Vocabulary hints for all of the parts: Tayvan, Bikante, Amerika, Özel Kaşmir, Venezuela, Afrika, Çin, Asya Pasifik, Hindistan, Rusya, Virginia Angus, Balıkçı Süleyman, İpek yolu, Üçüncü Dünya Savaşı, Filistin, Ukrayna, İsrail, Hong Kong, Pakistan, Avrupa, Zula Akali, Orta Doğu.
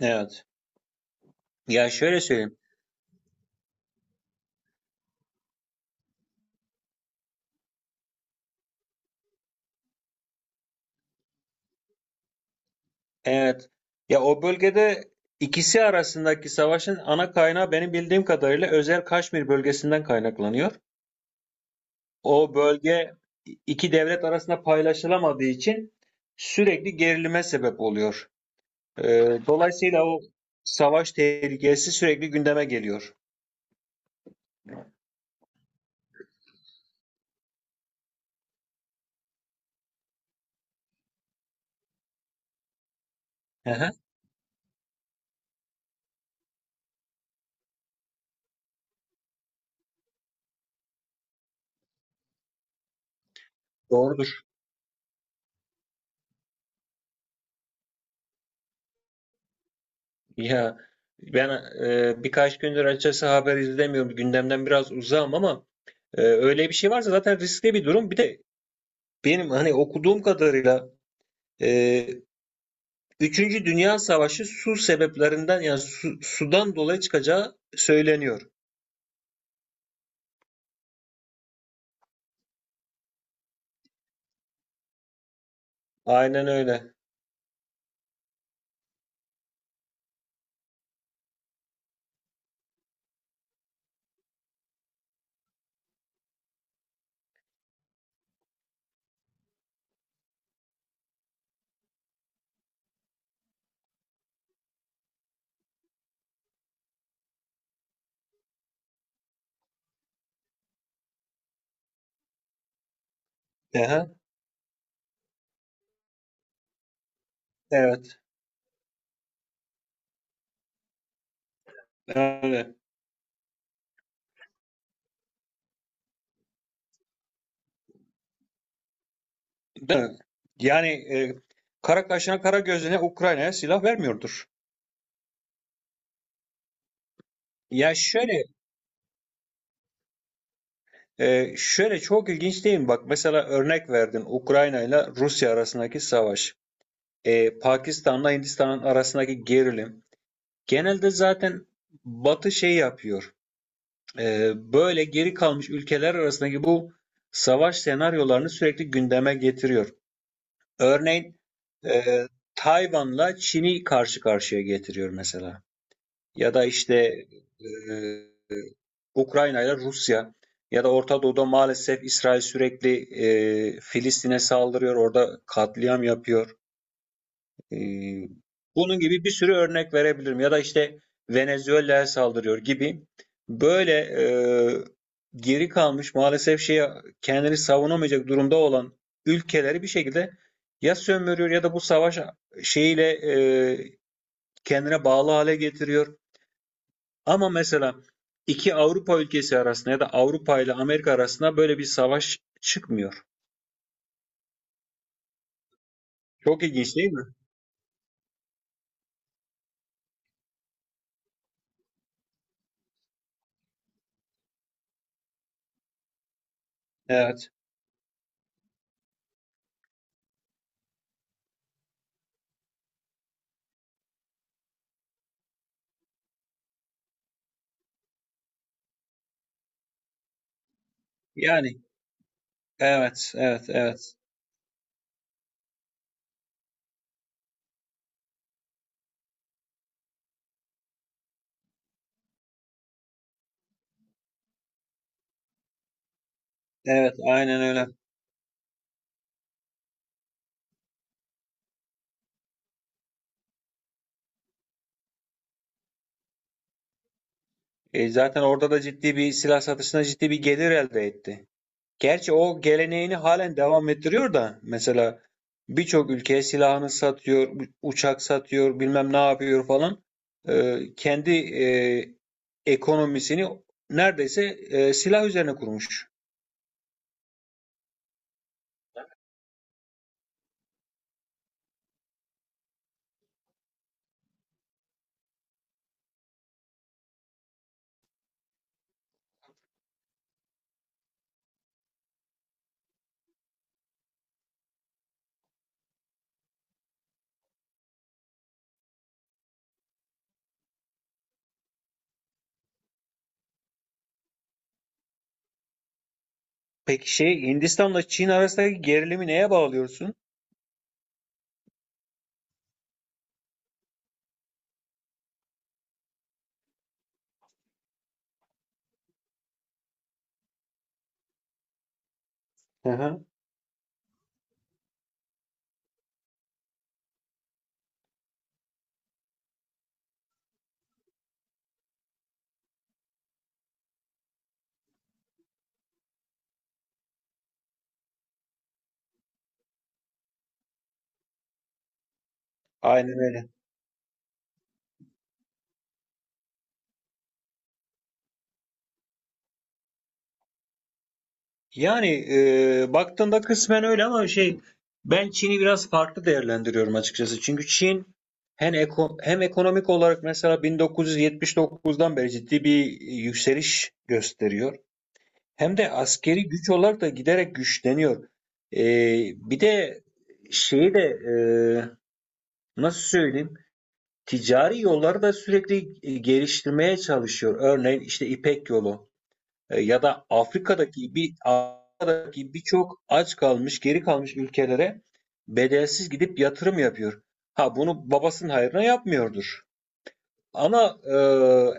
Evet. Ya şöyle söyleyeyim. Evet. Ya o bölgede ikisi arasındaki savaşın ana kaynağı benim bildiğim kadarıyla Özel Kaşmir bölgesinden kaynaklanıyor. O bölge iki devlet arasında paylaşılamadığı için sürekli gerilime sebep oluyor. Dolayısıyla o savaş tehlikesi sürekli gündeme geliyor. Hı hı. Doğrudur. Ya ben birkaç gündür açıkçası haber izlemiyorum. Gündemden biraz uzağım ama öyle bir şey varsa zaten riskli bir durum. Bir de benim hani okuduğum kadarıyla e, Üçüncü Dünya Savaşı su sebeplerinden yani sudan dolayı çıkacağı söyleniyor. Aynen öyle. Aha, evet. Öyle. Değil mi? Yani kara kaşına kara gözüne Ukrayna'ya silah vermiyordur. Ya şöyle şöyle çok ilginç değil mi? Bak mesela örnek verdin Ukrayna ile Rusya arasındaki savaş. Pakistan'la Hindistan'ın arasındaki gerilim. Genelde zaten Batı şey yapıyor. Böyle geri kalmış ülkeler arasındaki bu savaş senaryolarını sürekli gündeme getiriyor. Örneğin e, Tayvan'la Çin'i karşı karşıya getiriyor mesela. Ya da işte e, Ukrayna ile Rusya ya da Orta Doğu'da maalesef İsrail sürekli Filistin'e saldırıyor, orada katliam yapıyor. Ee, Bunun gibi bir sürü örnek verebilirim. Ya da işte Venezuela'ya saldırıyor gibi. Böyle geri kalmış maalesef şeye kendini savunamayacak durumda olan ülkeleri bir şekilde ya sömürüyor ya da bu savaş şeyiyle e, kendine bağlı hale getiriyor. Ama mesela iki Avrupa ülkesi arasında ya da Avrupa ile Amerika arasında böyle bir savaş çıkmıyor. Çok ilginç değil mi? Evet. Yani evet, evet, evet. Evet, aynen öyle. Zaten orada da ciddi bir silah satışına ciddi bir gelir elde etti. Gerçi o geleneğini halen devam ettiriyor da mesela birçok ülkeye silahını satıyor, uçak satıyor, bilmem ne yapıyor falan. Kendi e, ekonomisini neredeyse silah üzerine kurmuş. Peki şey Hindistan'la Çin arasındaki gerilimi neye bağlıyorsun? Hı hı. Aynen öyle. Yani baktığında kısmen öyle ama şey ben Çin'i biraz farklı değerlendiriyorum açıkçası. Çünkü Çin hem ekonomik olarak mesela 1979'dan beri ciddi bir yükseliş gösteriyor. Hem de askeri güç olarak da giderek güçleniyor. E, Bir de şeyi de e, nasıl söyleyeyim? Ticari yolları da sürekli geliştirmeye çalışıyor. Örneğin işte İpek yolu ya da Afrika'daki birçok aç kalmış, geri kalmış ülkelere bedelsiz gidip yatırım yapıyor. Ha bunu babasının hayrına yapmıyordur. Ama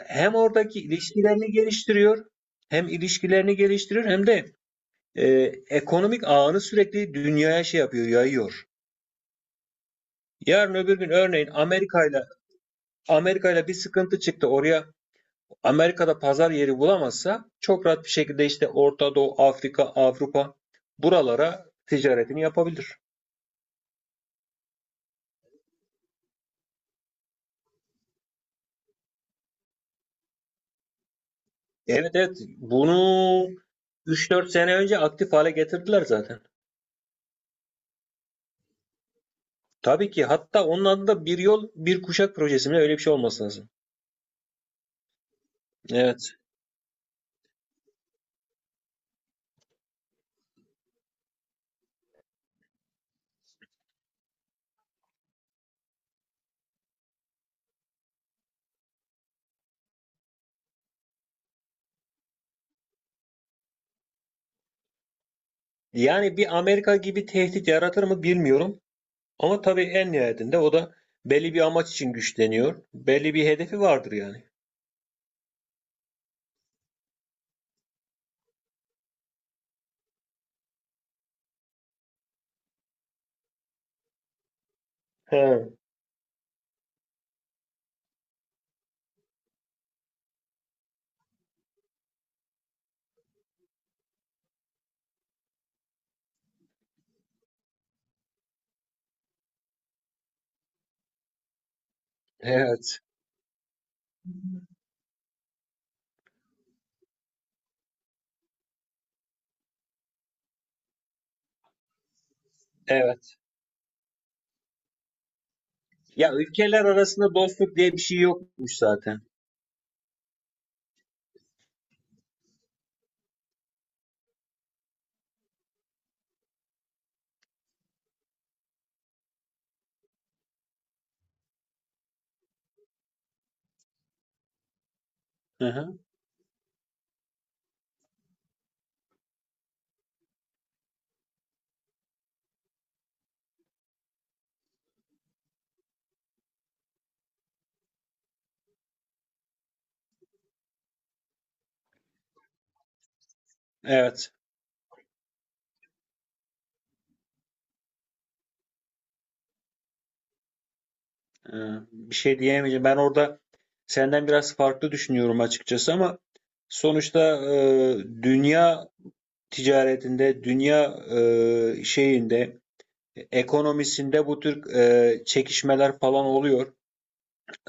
hem oradaki ilişkilerini geliştiriyor, hem ilişkilerini geliştiriyor hem de e, ekonomik ağını sürekli dünyaya şey yapıyor, yayıyor. Yarın öbür gün örneğin Amerika'yla bir sıkıntı çıktı. Oraya Amerika'da pazar yeri bulamazsa çok rahat bir şekilde işte Orta Doğu, Afrika, Avrupa buralara ticaretini yapabilir. Evet, evet, bunu üç dört sene önce aktif hale getirdiler zaten. Tabii ki hatta onun adı da bir yol bir kuşak projesi mi öyle bir şey olması lazım. Evet. Yani bir Amerika gibi tehdit yaratır mı bilmiyorum. Ama tabii en nihayetinde o da belli bir amaç için güçleniyor. Belli bir hedefi vardır yani. He. Evet. Evet. Ya ülkeler arasında dostluk diye bir şey yokmuş zaten. Hı hı. Evet. Ee, Bir şey diyemeyeceğim. Ben orada senden biraz farklı düşünüyorum açıkçası ama sonuçta dünya ticaretinde, dünya şeyinde, ekonomisinde bu tür çekişmeler falan oluyor.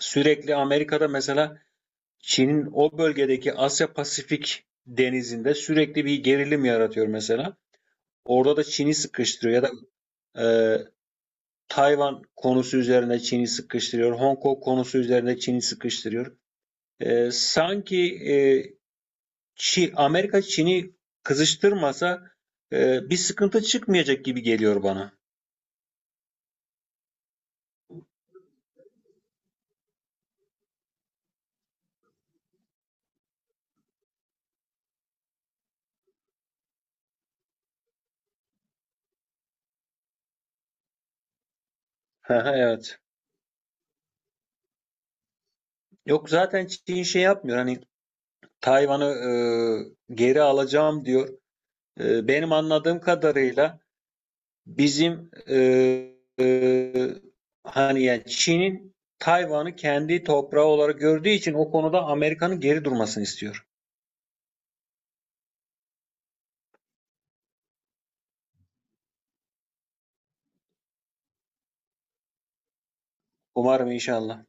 Sürekli Amerika'da mesela Çin'in o bölgedeki Asya Pasifik denizinde sürekli bir gerilim yaratıyor mesela. Orada da Çin'i sıkıştırıyor ya da e, Tayvan konusu üzerine Çin'i sıkıştırıyor. Hong Kong konusu üzerine Çin'i sıkıştırıyor. Sanki Amerika Çin'i kızıştırmasa bir sıkıntı çıkmayacak gibi geliyor bana. Aha, evet. Yok zaten Çin şey yapmıyor. Hani Tayvan'ı geri alacağım diyor. Benim anladığım kadarıyla bizim hani yani Çin'in Tayvan'ı kendi toprağı olarak gördüğü için o konuda Amerika'nın geri durmasını istiyor. Umarım inşallah.